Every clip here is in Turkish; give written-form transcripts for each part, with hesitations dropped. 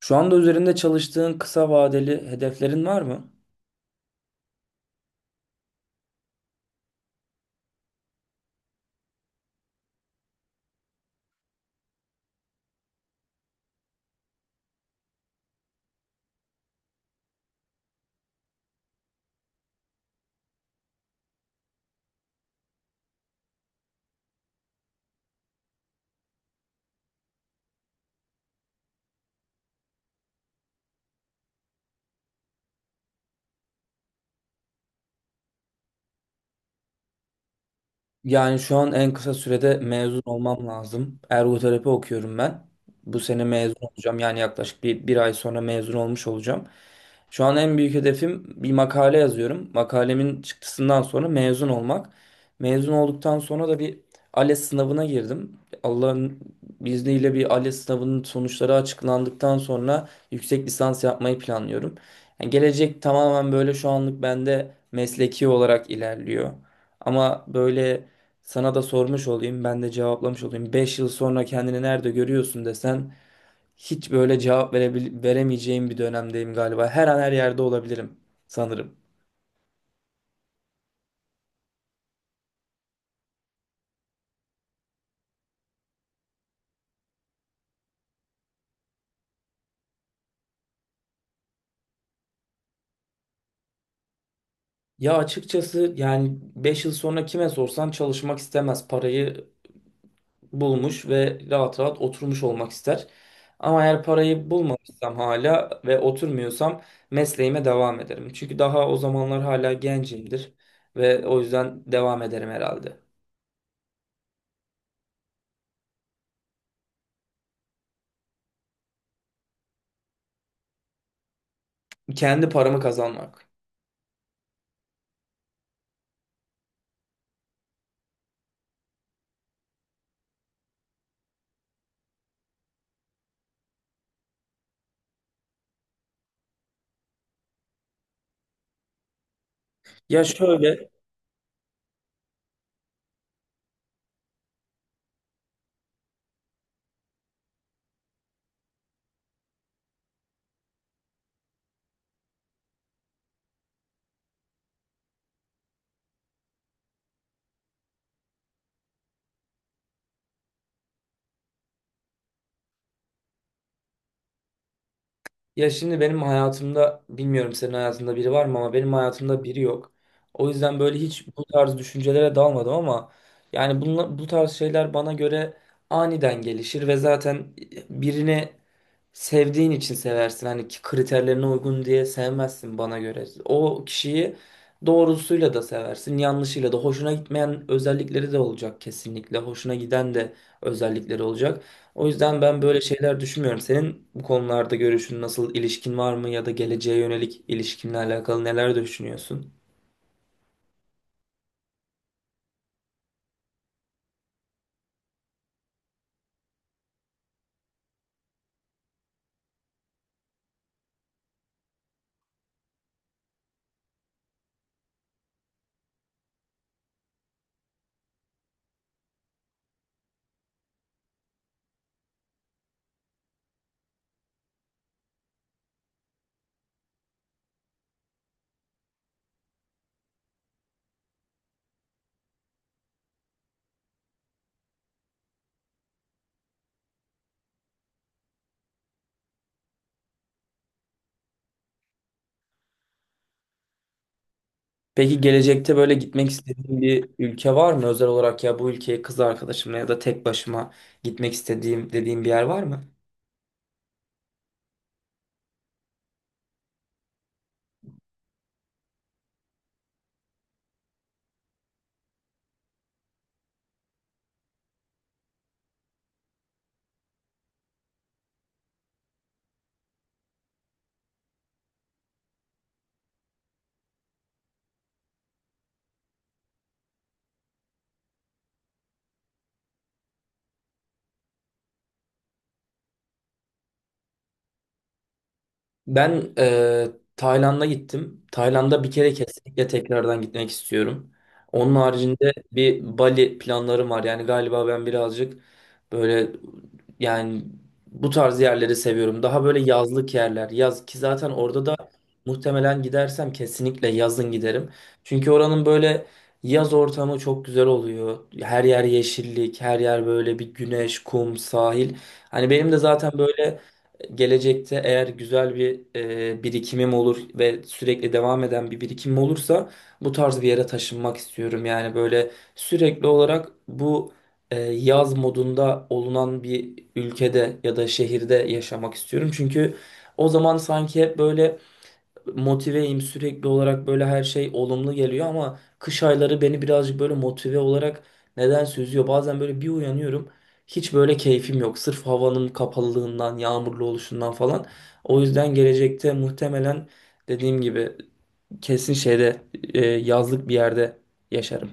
Şu anda üzerinde çalıştığın kısa vadeli hedeflerin var mı? Yani şu an en kısa sürede mezun olmam lazım. Ergoterapi okuyorum ben. Bu sene mezun olacağım. Yani yaklaşık bir ay sonra mezun olmuş olacağım. Şu an en büyük hedefim bir makale yazıyorum. Makalemin çıktısından sonra mezun olmak. Mezun olduktan sonra da bir ALES sınavına girdim. Allah'ın izniyle bir ALES sınavının sonuçları açıklandıktan sonra yüksek lisans yapmayı planlıyorum. Yani gelecek tamamen böyle şu anlık bende mesleki olarak ilerliyor. Ama böyle sana da sormuş olayım, ben de cevaplamış olayım. 5 yıl sonra kendini nerede görüyorsun desen hiç böyle cevap veremeyeceğim bir dönemdeyim galiba. Her an her yerde olabilirim sanırım. Ya açıkçası yani 5 yıl sonra kime sorsan çalışmak istemez. Parayı bulmuş ve rahat rahat oturmuş olmak ister. Ama eğer parayı bulmamışsam hala ve oturmuyorsam mesleğime devam ederim. Çünkü daha o zamanlar hala gencimdir ve o yüzden devam ederim herhalde. Kendi paramı kazanmak. Ya şöyle, ya şimdi benim hayatımda bilmiyorum senin hayatında biri var mı ama benim hayatımda biri yok. O yüzden böyle hiç bu tarz düşüncelere dalmadım ama yani bu tarz şeyler bana göre aniden gelişir ve zaten birini sevdiğin için seversin. Hani ki kriterlerine uygun diye sevmezsin bana göre. O kişiyi doğrusuyla da seversin, yanlışıyla da. Hoşuna gitmeyen özellikleri de olacak kesinlikle. Hoşuna giden de özellikleri olacak. O yüzden ben böyle şeyler düşünmüyorum. Senin bu konularda görüşün nasıl, ilişkin var mı ya da geleceğe yönelik ilişkinle alakalı neler düşünüyorsun? Peki gelecekte böyle gitmek istediğin bir ülke var mı? Özel olarak ya bu ülkeye kız arkadaşımla ya da tek başıma gitmek istediğim dediğim bir yer var mı? Ben e, Tayland'a gittim. Tayland'a bir kere kesinlikle tekrardan gitmek istiyorum. Onun haricinde bir Bali planlarım var. Yani galiba ben birazcık böyle yani bu tarz yerleri seviyorum. Daha böyle yazlık yerler. Yaz ki zaten orada da muhtemelen gidersem kesinlikle yazın giderim. Çünkü oranın böyle yaz ortamı çok güzel oluyor. Her yer yeşillik, her yer böyle bir güneş, kum, sahil. Hani benim de zaten böyle gelecekte eğer güzel bir birikimim olur ve sürekli devam eden bir birikimim olursa bu tarz bir yere taşınmak istiyorum. Yani böyle sürekli olarak bu yaz modunda olunan bir ülkede ya da şehirde yaşamak istiyorum. Çünkü o zaman sanki hep böyle motiveyim sürekli olarak böyle her şey olumlu geliyor ama kış ayları beni birazcık böyle motive olarak neden süzüyor. Bazen böyle bir uyanıyorum hiç böyle keyfim yok sırf havanın kapalılığından yağmurlu oluşundan falan. O yüzden gelecekte muhtemelen dediğim gibi kesin şeyde yazlık bir yerde yaşarım.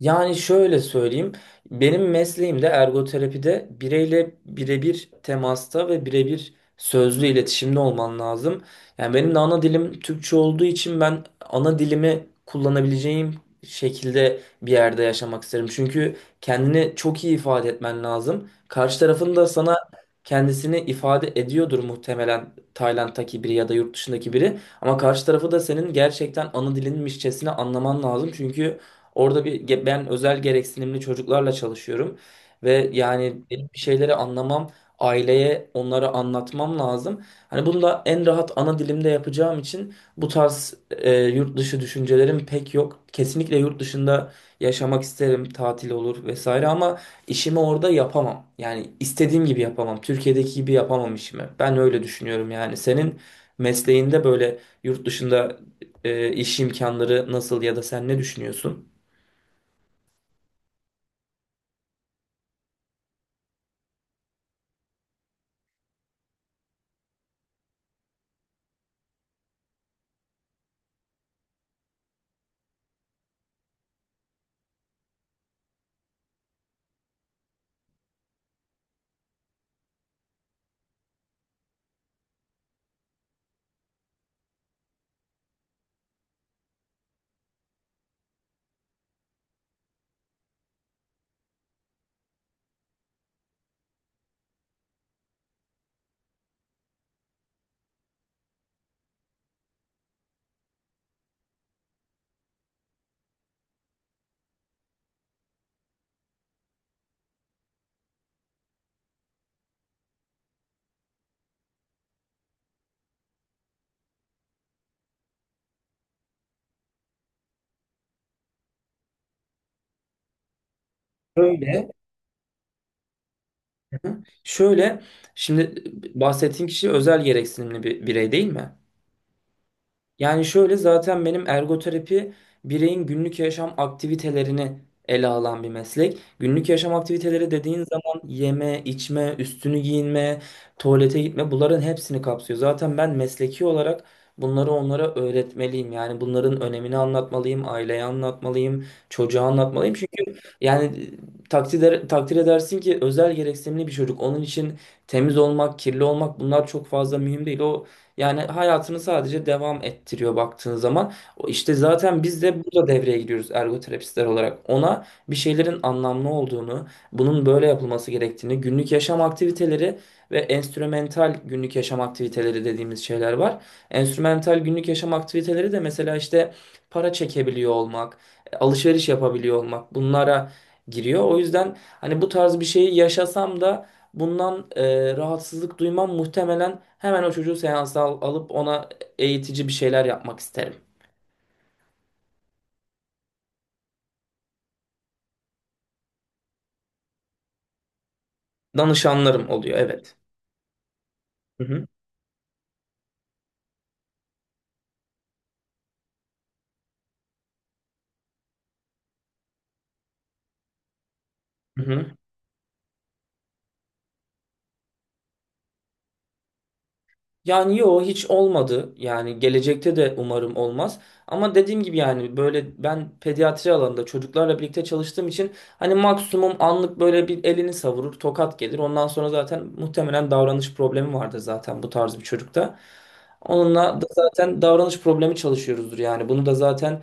Yani şöyle söyleyeyim. Benim mesleğimde ergoterapide bireyle birebir temasta ve birebir sözlü iletişimde olman lazım. Yani benim de ana dilim Türkçe olduğu için ben ana dilimi kullanabileceğim şekilde bir yerde yaşamak isterim. Çünkü kendini çok iyi ifade etmen lazım. Karşı tarafın da sana kendisini ifade ediyordur muhtemelen Tayland'daki biri ya da yurt dışındaki biri. Ama karşı tarafı da senin gerçekten ana dilinmişçesine anlaman lazım. Çünkü orada ben özel gereksinimli çocuklarla çalışıyorum ve yani benim bir şeyleri anlamam, aileye onlara anlatmam lazım. Hani bunu da en rahat ana dilimde yapacağım için bu tarz yurt dışı düşüncelerim pek yok. Kesinlikle yurt dışında yaşamak isterim, tatil olur vesaire ama işimi orada yapamam. Yani istediğim gibi yapamam. Türkiye'deki gibi yapamam işimi. Ben öyle düşünüyorum yani. Senin mesleğinde böyle yurt dışında iş imkanları nasıl ya da sen ne düşünüyorsun? Şöyle, şöyle şimdi bahsettiğin kişi özel gereksinimli bir birey değil mi? Yani şöyle zaten benim ergoterapi bireyin günlük yaşam aktivitelerini ele alan bir meslek. Günlük yaşam aktiviteleri dediğin zaman yeme, içme, üstünü giyinme, tuvalete gitme bunların hepsini kapsıyor. Zaten ben mesleki olarak bunları onlara öğretmeliyim. Yani bunların önemini anlatmalıyım, aileye anlatmalıyım, çocuğa anlatmalıyım. Çünkü yani takdir edersin ki özel gereksinimli bir çocuk. Onun için temiz olmak, kirli olmak bunlar çok fazla mühim değil. O yani hayatını sadece devam ettiriyor baktığın zaman. O İşte zaten biz de burada devreye giriyoruz ergoterapistler olarak. Ona bir şeylerin anlamlı olduğunu, bunun böyle yapılması gerektiğini, günlük yaşam aktiviteleri ve enstrümental günlük yaşam aktiviteleri dediğimiz şeyler var. Enstrümental günlük yaşam aktiviteleri de mesela işte para çekebiliyor olmak, alışveriş yapabiliyor olmak bunlara giriyor. O yüzden hani bu tarz bir şeyi yaşasam da bundan rahatsızlık duymam muhtemelen hemen o çocuğu seansa alıp ona eğitici bir şeyler yapmak isterim. Danışanlarım oluyor, evet. Hı hı. Hı hı. Yani yo hiç olmadı. Yani gelecekte de umarım olmaz. Ama dediğim gibi yani böyle ben pediatri alanında çocuklarla birlikte çalıştığım için hani maksimum anlık böyle bir elini savurur, tokat gelir. Ondan sonra zaten muhtemelen davranış problemi vardır zaten bu tarz bir çocukta. Onunla da zaten davranış problemi çalışıyoruzdur yani. Bunu da zaten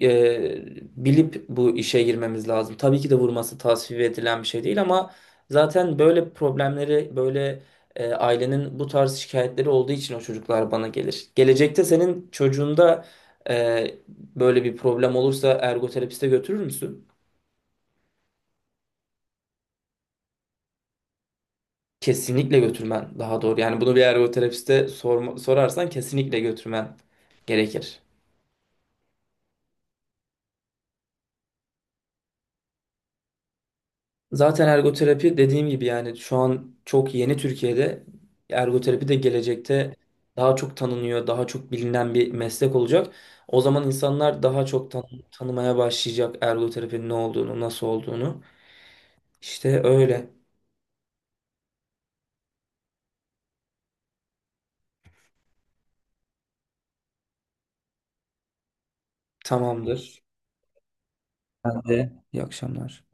e, bilip bu işe girmemiz lazım. Tabii ki de vurması tasvip edilen bir şey değil ama zaten böyle problemleri böyle ailenin bu tarz şikayetleri olduğu için o çocuklar bana gelir. Gelecekte senin çocuğunda böyle bir problem olursa ergoterapiste götürür müsün? Kesinlikle götürmen daha doğru. Yani bunu bir ergoterapiste sorarsan kesinlikle götürmen gerekir. Zaten ergoterapi dediğim gibi yani şu an çok yeni Türkiye'de ergoterapi de gelecekte daha çok tanınıyor, daha çok bilinen bir meslek olacak. O zaman insanlar daha çok tanımaya başlayacak ergoterapinin ne olduğunu, nasıl olduğunu. İşte öyle. Tamamdır. Ben de. İyi akşamlar.